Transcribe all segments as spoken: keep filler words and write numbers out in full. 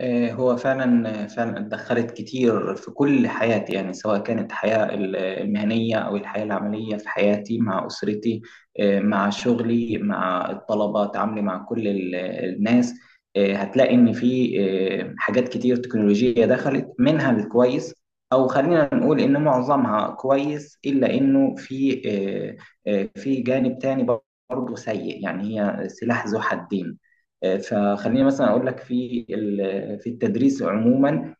آه، هو فعلا فعلا اتدخلت كتير في كل حياتي، يعني سواء كانت الحياة ال- المهنية أو الحياة العملية في حياتي مع أسرتي. آه، مع شغلي، مع الطلبة، تعاملي مع كل ال- الناس. آه، هتلاقي إن في آه، حاجات كتير تكنولوجية دخلت منها الكويس، أو خلينا نقول إن معظمها كويس، إلا إنه في آه، آه، في جانب تاني برضه سيء، يعني هي سلاح ذو حدين. آه، فخليني مثلا اقول لك في ال- في التدريس عموما،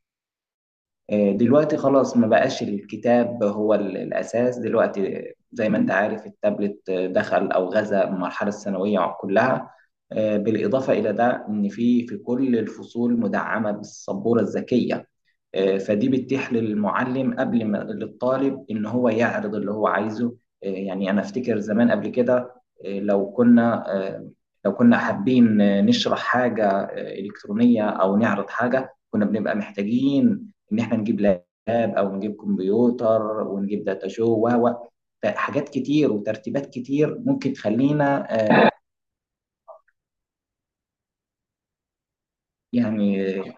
آه، دلوقتي خلاص ما بقاش الكتاب هو ال- الأساس. دلوقتي زي ما أنت عارف التابلت آه، دخل أو غزا المرحلة الثانوية كلها. آه، بالإضافة إلى ده إن في في كل الفصول مدعمة بالسبورة الذكية. آه، فدي بتتيح للمعلم قبل ما للطالب ان هو يعرض اللي هو عايزه. آه، يعني انا افتكر زمان قبل كده، آه، لو كنا آه، لو كنا حابين آه، نشرح حاجة آه، إلكترونية أو نعرض حاجة، كنا بنبقى محتاجين ان احنا نجيب لاب او نجيب كمبيوتر، ونجيب داتا شو و و حاجات كتير وترتيبات كتير ممكن تخلينا. آه، يعني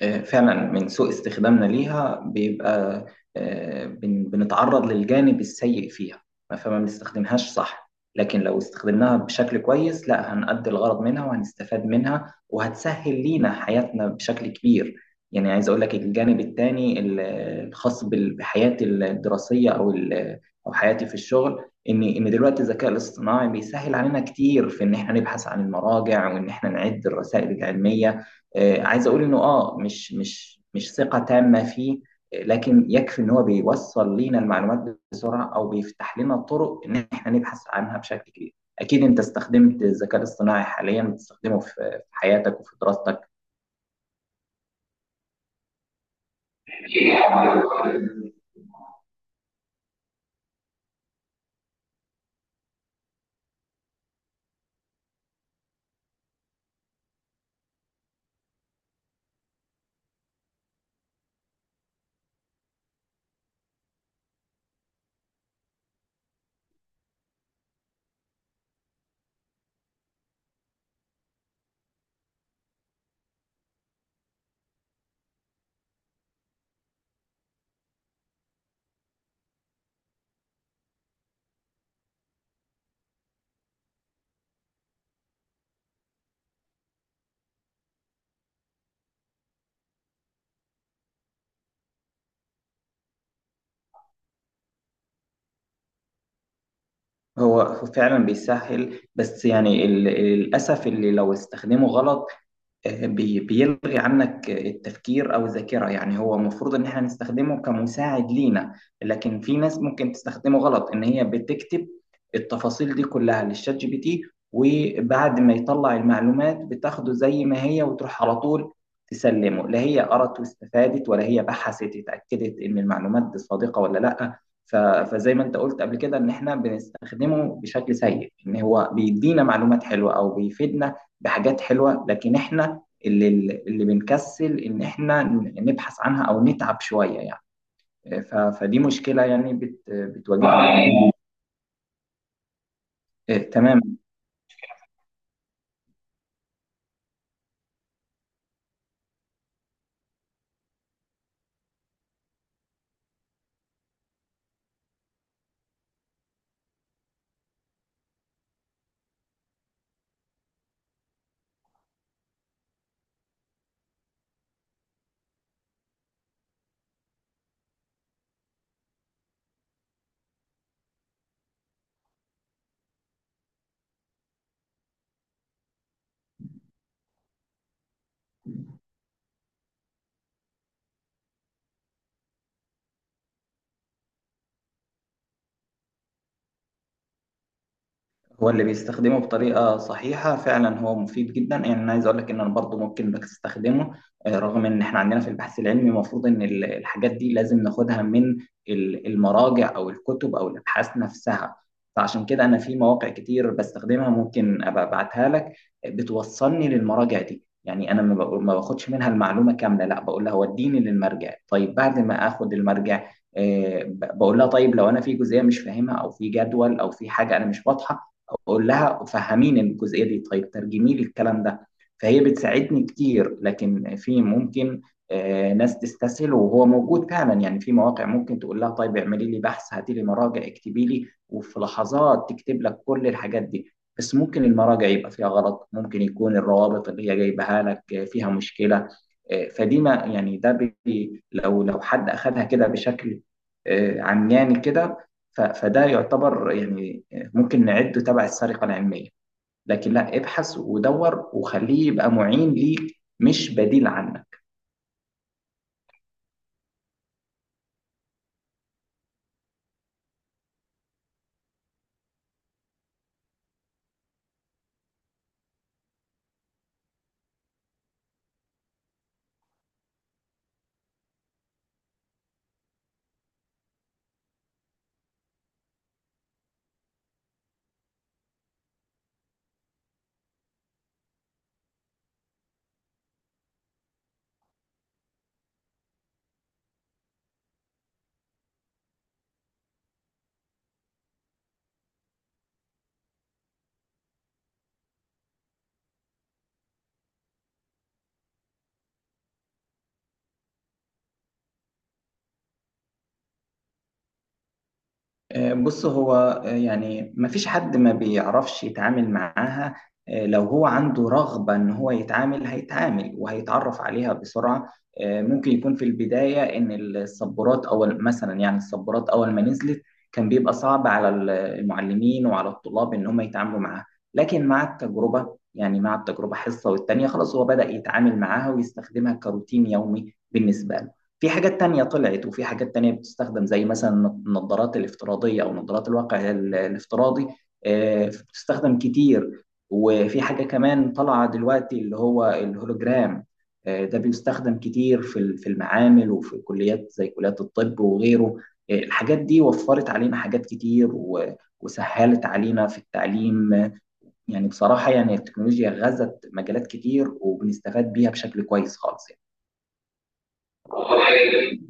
آه، فعلا من سوء استخدامنا ليها بيبقى آه، بن- بنتعرض للجانب السيء فيها. ما- فما بنستخدمهاش صح، لكن لو استخدمناها بشكل كويس لا هنأدي الغرض منها وهنستفاد منها وهتسهل لينا حياتنا بشكل كبير. يعني عايز اقول لك الجانب التاني ال- الخاص بال- بحياتي الدراسية او ال- او حياتي في الشغل، ان ان دلوقتي الذكاء الاصطناعي بيسهل علينا كتير في ان احنا نبحث عن المراجع وان احنا نعد الرسائل العلمية. آه، عايز اقول انه اه مش مش مش ثقة تامة فيه، آه، لكن يكفي ان هو بيوصل لينا المعلومات بسرعة او بيفتح لنا طرق ان احنا نبحث عنها بشكل كبير. اكيد انت استخدمت الذكاء الاصطناعي حاليا، بتستخدمه في في حياتك وفي دراستك؟ هو فعلا بيسهل، بس يعني ال- للاسف اللي لو استخدمه غلط آه، بي- بيلغي عنك التفكير او الذاكره. يعني هو المفروض ان احنا نستخدمه كمساعد لينا، لكن في ناس ممكن تستخدمه غلط، ان هي بتكتب التفاصيل دي كلها للشات جي بي تي، وبعد ما يطلع المعلومات بتاخده زي ما هي وتروح على طول تسلمه. لا هي قرت واستفادت، ولا هي بحثت اتاكدت ان المعلومات دي صادقه ولا لا. ف- فزي ما انت قلت قبل كده ان احنا بنستخدمه بشكل سيء، ان هو بيدينا معلومات حلوه او بيفيدنا بحاجات حلوه، لكن احنا اللي اللي بنكسل ان احنا نبحث عنها او نتعب شويه يعني. ف- فدي مشكله يعني بت- بتواجهنا. آه، تمام. هو اللي بيستخدمه بطريقة صحيحة فعلا هو مفيد جدا، يعني أنا عايز أقول لك إن أنا برضه ممكن بستخدمه، آه، رغم إن إحنا عندنا في البحث العلمي المفروض إن ال- الحاجات دي لازم ناخدها من ال- المراجع أو الكتب أو الأبحاث نفسها. فعشان كده أنا في مواقع كتير بستخدمها، ممكن أبقى أبعتها لك، آه، بتوصلني للمراجع دي. يعني أنا ما بقول- ما باخدش منها المعلومة كاملة، لا بقول لها وديني للمرجع. طيب بعد ما آخد المرجع آه، ب- بقول لها طيب لو أنا في جزئية مش فاهمها أو في جدول أو في حاجة أنا مش واضحة، اقول لها فهميني الجزئيه دي، طيب ترجمي لي الكلام ده. فهي بتساعدني كتير، لكن في ممكن آه، ناس تستسهل، وهو موجود فعلا، يعني في مواقع ممكن تقول لها طيب اعملي لي بحث، هاتي لي مراجع، اكتبي لي، وفي لحظات تكتب لك كل الحاجات دي. بس ممكن المراجع يبقى فيها غلط، ممكن يكون الروابط اللي هي جايبها لك آه، فيها مشكله. آه، فدي ما يعني ده بي لو لو حد اخذها كده بشكل آه، عمياني كده، ف- فده يعتبر يعني ممكن نعده تبع السرقة العلمية. لكن لا، ابحث ودور وخليه يبقى معين ليك مش بديل عنك. آه، بص هو آه، يعني مفيش حد ما بيعرفش يتعامل معاها. آه، لو هو عنده رغبة إن هو يتعامل هيتعامل وهيتعرف عليها بسرعة. آه، ممكن يكون في البداية إن الصبورات أول، مثلا يعني الصبورات أول ما نزلت كان بيبقى صعب على ال- المعلمين وعلى الطلاب إن هم يتعاملوا معاها، لكن مع التجربة، يعني مع التجربة حصة والتانية خلاص هو بدأ يتعامل معاها ويستخدمها كروتين يومي بالنسبة له. في حاجات تانية طلعت وفي حاجات تانية بتستخدم، زي مثلا النظارات الافتراضية أو نظارات الواقع ال- الافتراضي، آه، بتستخدم كتير. وفي حاجة كمان طالعة دلوقتي اللي هو الهولوجرام، آه، ده بيستخدم كتير في ال- في المعامل وفي كليات زي كليات الطب وغيره. آه، الحاجات دي وفرت علينا حاجات كتير و- وسهلت علينا في التعليم. آه، يعني بصراحة يعني التكنولوجيا غزت مجالات كتير وبنستفاد بيها بشكل كويس خالص يعني.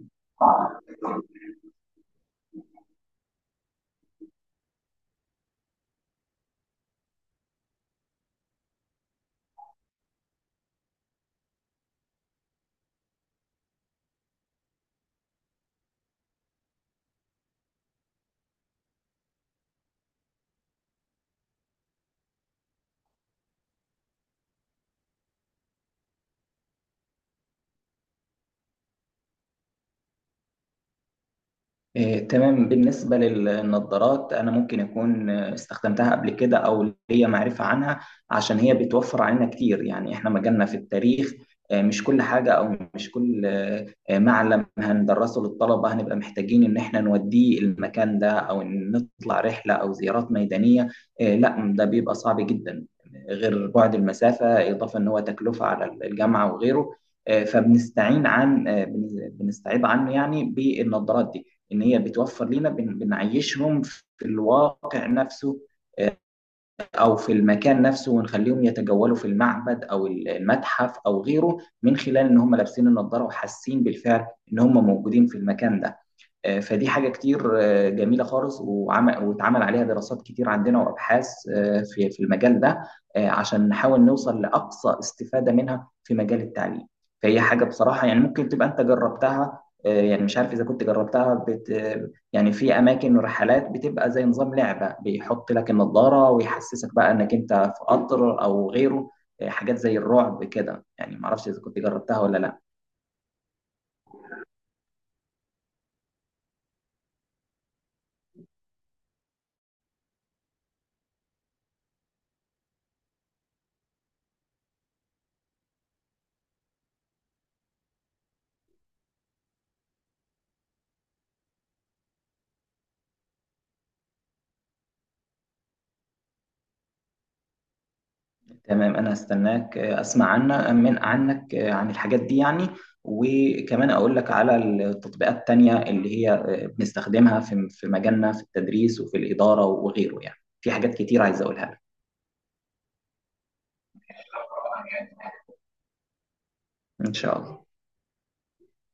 إيه، تمام. بالنسبة للنظارات أنا ممكن أكون آه، استخدمتها قبل كده أو ليا معرفة عنها، عشان هي بتوفر علينا كتير. يعني إحنا مجالنا في التاريخ، آه، مش كل حاجة أو مش كل آه، آه، معلم هندرسه للطلبة هنبقى محتاجين إن إحنا نوديه المكان ده أو إن نطلع رحلة أو زيارات ميدانية. آه، لا ده بيبقى صعب جدا، غير بعد المسافة، إضافة إن هو تكلفة على الجامعة وغيره. آه، فبنستعين عن آه، بن- بنستعيض عنه يعني بالنظارات دي، ان هي بتوفر لنا بن- بنعيشهم في الواقع نفسه، آه، او في المكان نفسه، ونخليهم يتجولوا في المعبد او المتحف او غيره، من خلال ان هم لابسين النضاره وحاسين بالفعل ان هم موجودين في المكان ده. آه، فدي حاجة كتير آه، جميلة خالص، وعمل واتعمل عليها دراسات كتير عندنا وأبحاث آه، في في المجال ده، آه، عشان نحاول نوصل لأقصى استفادة منها في مجال التعليم. فهي حاجة بصراحة يعني ممكن تبقى أنت جربتها، آه، يعني مش عارف إذا كنت جربتها بت يعني. في أماكن ورحلات بتبقى زي نظام لعبة، بيحط لك النظارة ويحسسك بقى إنك أنت في قطر أو غيره، آه، حاجات زي الرعب كده يعني. معرفش إذا كنت جربتها ولا لأ. تمام، انا هستناك آه، اسمع عنا من عنك آه، عن الحاجات دي يعني، وكمان اقول لك على التطبيقات التانية اللي هي آه، بنستخدمها في في مجالنا في التدريس وفي الإدارة وغيره، يعني في حاجات كتير عايز اقولها لك. ان شاء الله.